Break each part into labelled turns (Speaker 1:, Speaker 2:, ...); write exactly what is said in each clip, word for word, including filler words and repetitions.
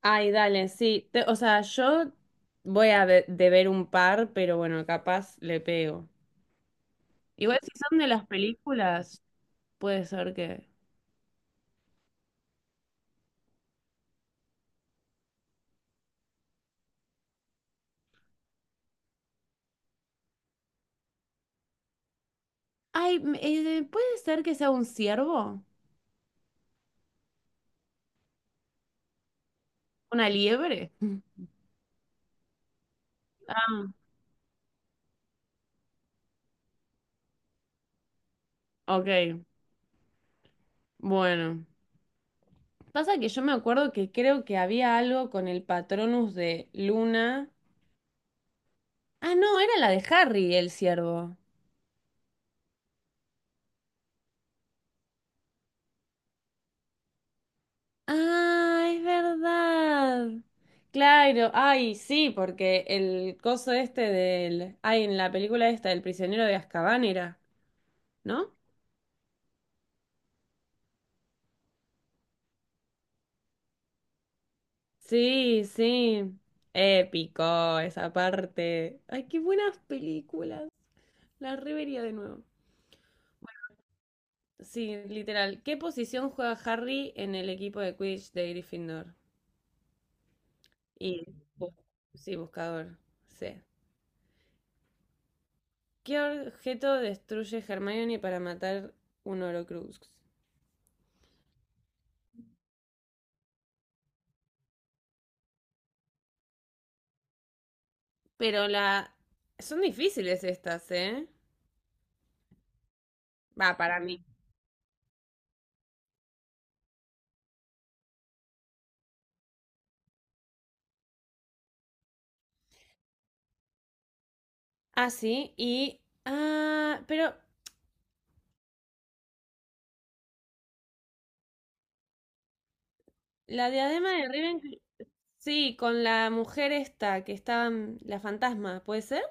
Speaker 1: Ay, dale, sí. Te- o sea, yo voy a ve- deber un par, pero bueno, capaz le pego. Igual si son de las películas, puede ser que. Ay, m- eh, ¿puede ser que sea un ciervo? ¿Una liebre? Ah, ok, bueno. Pasa que yo me acuerdo que creo que había algo con el Patronus de Luna. Ah, no, era la de Harry, el ciervo. Ah, es verdad. Claro, ay, sí, porque el coso este del. Ay, en la película esta, El prisionero de Azkaban era, ¿no? Sí, sí. Épico esa parte. Ay, qué buenas películas. La revería de nuevo. Sí, literal. ¿Qué posición juega Harry en el equipo de Quidditch de Gryffindor? Y, bu- sí, buscador. Sí. ¿Qué objeto destruye Hermione para matar un Horcrux? Pero la. Son difíciles estas, ¿eh? Va, para mí. Ah, sí, y. Ah, pero la diadema de Ravenclaw. Sí, con la mujer esta, que estaba en- la fantasma, ¿puede ser?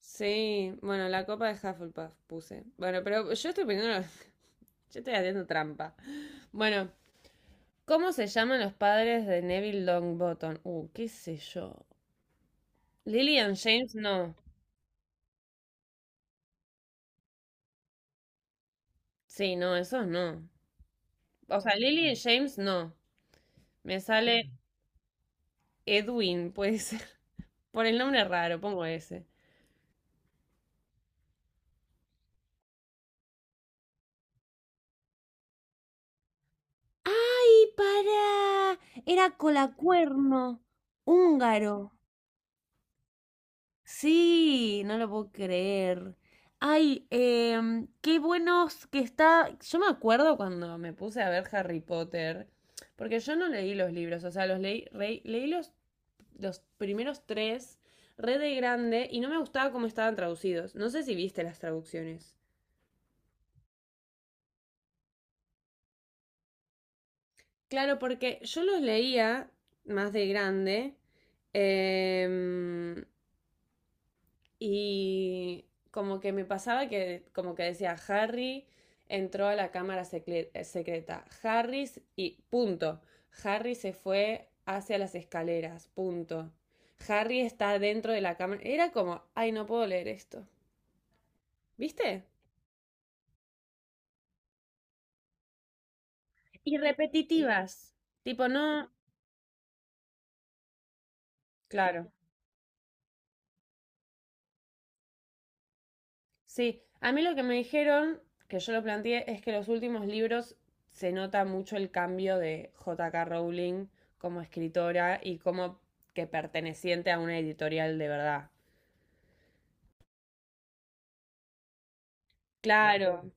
Speaker 1: Sí, bueno, la copa de Hufflepuff puse. Bueno, pero yo estoy poniendo. Yo estoy haciendo trampa. Bueno, ¿cómo se llaman los padres de Neville Longbottom? Uh, qué sé yo. Lily and James no. Sí, no, esos no. O sea, Lily y James no. Me sale Edwin, puede ser. Por el nombre raro, pongo ese. ¡Ay, pará! Era Colacuerno, húngaro. Sí, no lo puedo creer. Ay, em, qué buenos que está. Yo me acuerdo cuando me puse a ver Harry Potter, porque yo no leí los libros, o sea, los leí, re- leí los, los primeros tres, re de grande, y no me gustaba cómo estaban traducidos. No sé si viste las traducciones. Claro, porque yo los leía más de grande, em, y como que me pasaba que como que decía Harry entró a la cámara secle- eh, secreta. Harry s- y punto. Harry se fue hacia las escaleras, punto. Harry está dentro de la cámara. Era como, ay, no puedo leer esto. ¿Viste? Y repetitivas. Tipo, no, claro. Sí, a mí lo que me dijeron, que yo lo planteé, es que los últimos libros se nota mucho el cambio de J K. Rowling como escritora y como que perteneciente a una editorial de verdad. Claro,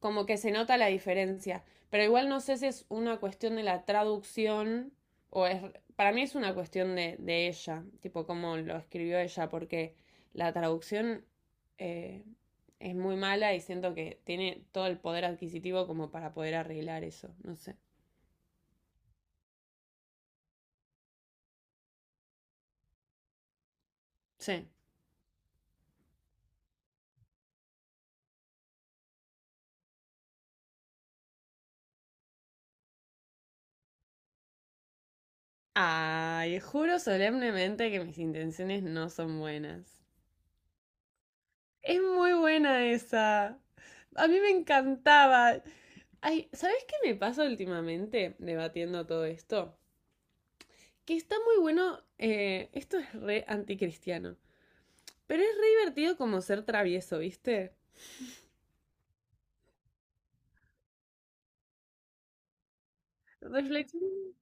Speaker 1: como que se nota la diferencia. Pero igual no sé si es una cuestión de la traducción o es. Para mí es una cuestión de, de ella, tipo cómo lo escribió ella, porque la traducción, eh, es muy mala y siento que tiene todo el poder adquisitivo como para poder arreglar eso, no sé. Sí. Ay, juro solemnemente que mis intenciones no son buenas. Es muy buena esa. A mí me encantaba. Ay, ¿sabes qué me pasa últimamente debatiendo todo esto? Que está muy bueno, eh, esto es re anticristiano, pero es re divertido como ser travieso, ¿viste? Reflexión.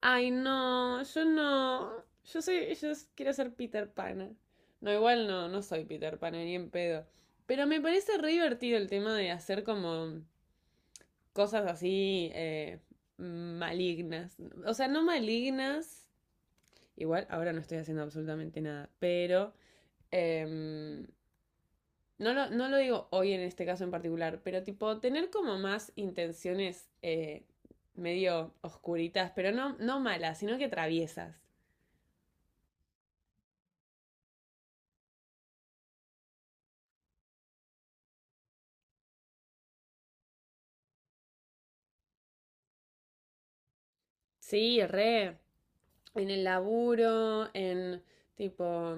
Speaker 1: Ay, no, yo no. Yo soy, yo s- quiero ser Peter Pan. No, igual no, no soy Peter Pan, ni en pedo. Pero me parece re divertido el tema de hacer como cosas así, eh, malignas. O sea, no malignas, igual ahora no estoy haciendo absolutamente nada, pero, em, no, lo, no lo digo hoy en este caso en particular, pero tipo tener como más intenciones, eh, medio oscuritas, pero no, no malas, sino que traviesas. Sí, re, en el laburo, en tipo,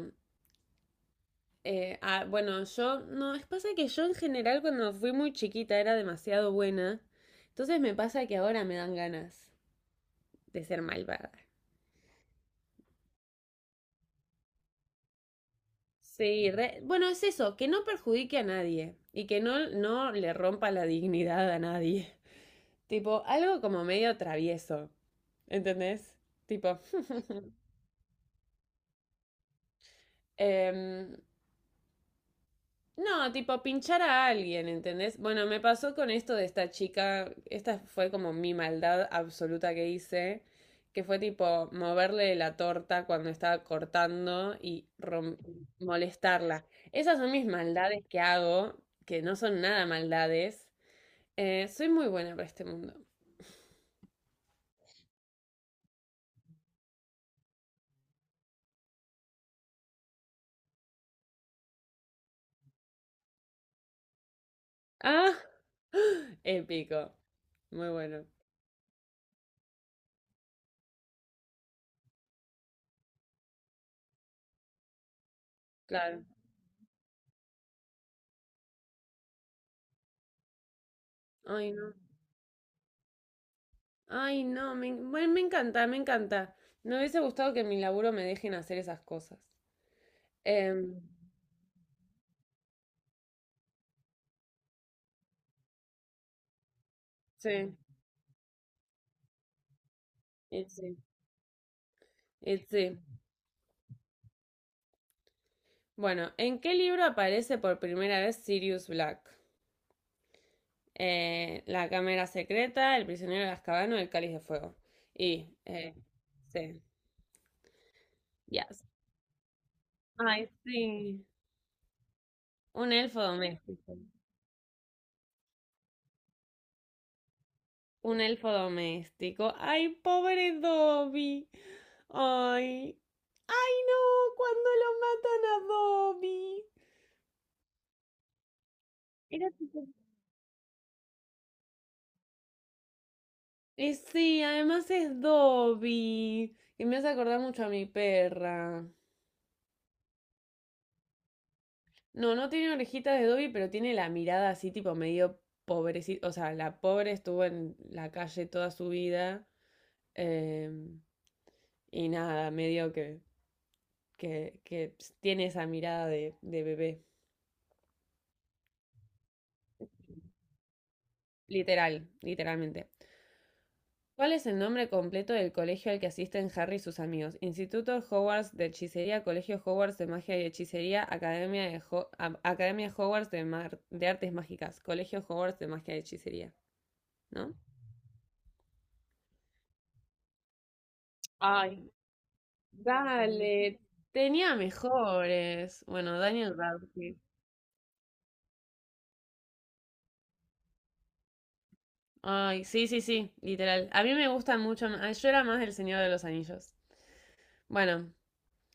Speaker 1: Eh, ah, bueno, yo, no, es pasa que yo en general cuando fui muy chiquita era demasiado buena, entonces me pasa que ahora me dan ganas de ser malvada. Sí, re- bueno, es eso, que no perjudique a nadie y que no, no le rompa la dignidad a nadie. Tipo, algo como medio travieso, ¿entendés? Tipo, em, no, tipo pinchar a alguien, ¿entendés? Bueno, me pasó con esto de esta chica, esta fue como mi maldad absoluta que hice, que fue tipo moverle la torta cuando estaba cortando y rom- molestarla. Esas son mis maldades que hago, que no son nada maldades. Eh, soy muy buena para este mundo. Ah, épico. Muy bueno. Claro. Ay, no. Ay, no, me, bueno, me encanta, me encanta. Me hubiese gustado que en mi laburo me dejen hacer esas cosas. Em, sí, y sí, y sí. Bueno, ¿en qué libro aparece por primera vez Sirius Black? Eh, La Cámara Secreta, el Prisionero de Azkaban o el Cáliz de Fuego. Y, eh, sí, yes. Ay, sí. Un elfo doméstico. Un elfo doméstico. Ay, pobre Dobby. Ay. Ay, no, cuando lo matan a Dobby. Era súper. Y sí, además es Dobby. Y me hace acordar mucho a mi perra. No, no tiene orejitas de Dobby, pero tiene la mirada así, tipo medio pobrecita. O sea, la pobre estuvo en la calle toda su vida, em, y nada, medio que, que, que, tiene esa mirada de, de bebé. Literal, literalmente. ¿Cuál es el nombre completo del colegio al que asisten Harry y sus amigos? Instituto Hogwarts de Hechicería, Colegio Hogwarts de Magia y Hechicería, Academia, de Ho- Am- Academia Hogwarts de, Mar- de Artes Mágicas, Colegio Hogwarts de Magia y Hechicería, ¿no? Ay, dale, tenía mejores. Bueno, Daniel Radcliffe. Ay, sí, sí, sí, literal. A mí me gustan mucho. más- Yo era más del Señor de los Anillos. Bueno,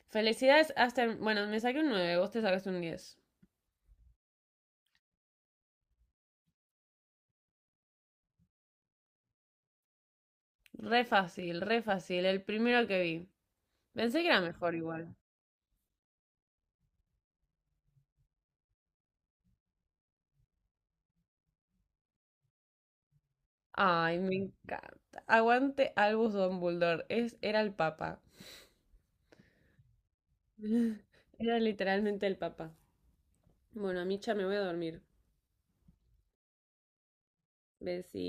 Speaker 1: felicidades, Aster. Bueno, me saqué un nueve, vos te sacaste un diez. Re fácil, re fácil. El primero que vi. Pensé que era mejor igual. Ay, me encanta. Aguante Albus Dumbledore. Es, era el papa. Era literalmente el papa. Bueno, Micha, me voy a dormir. Besí.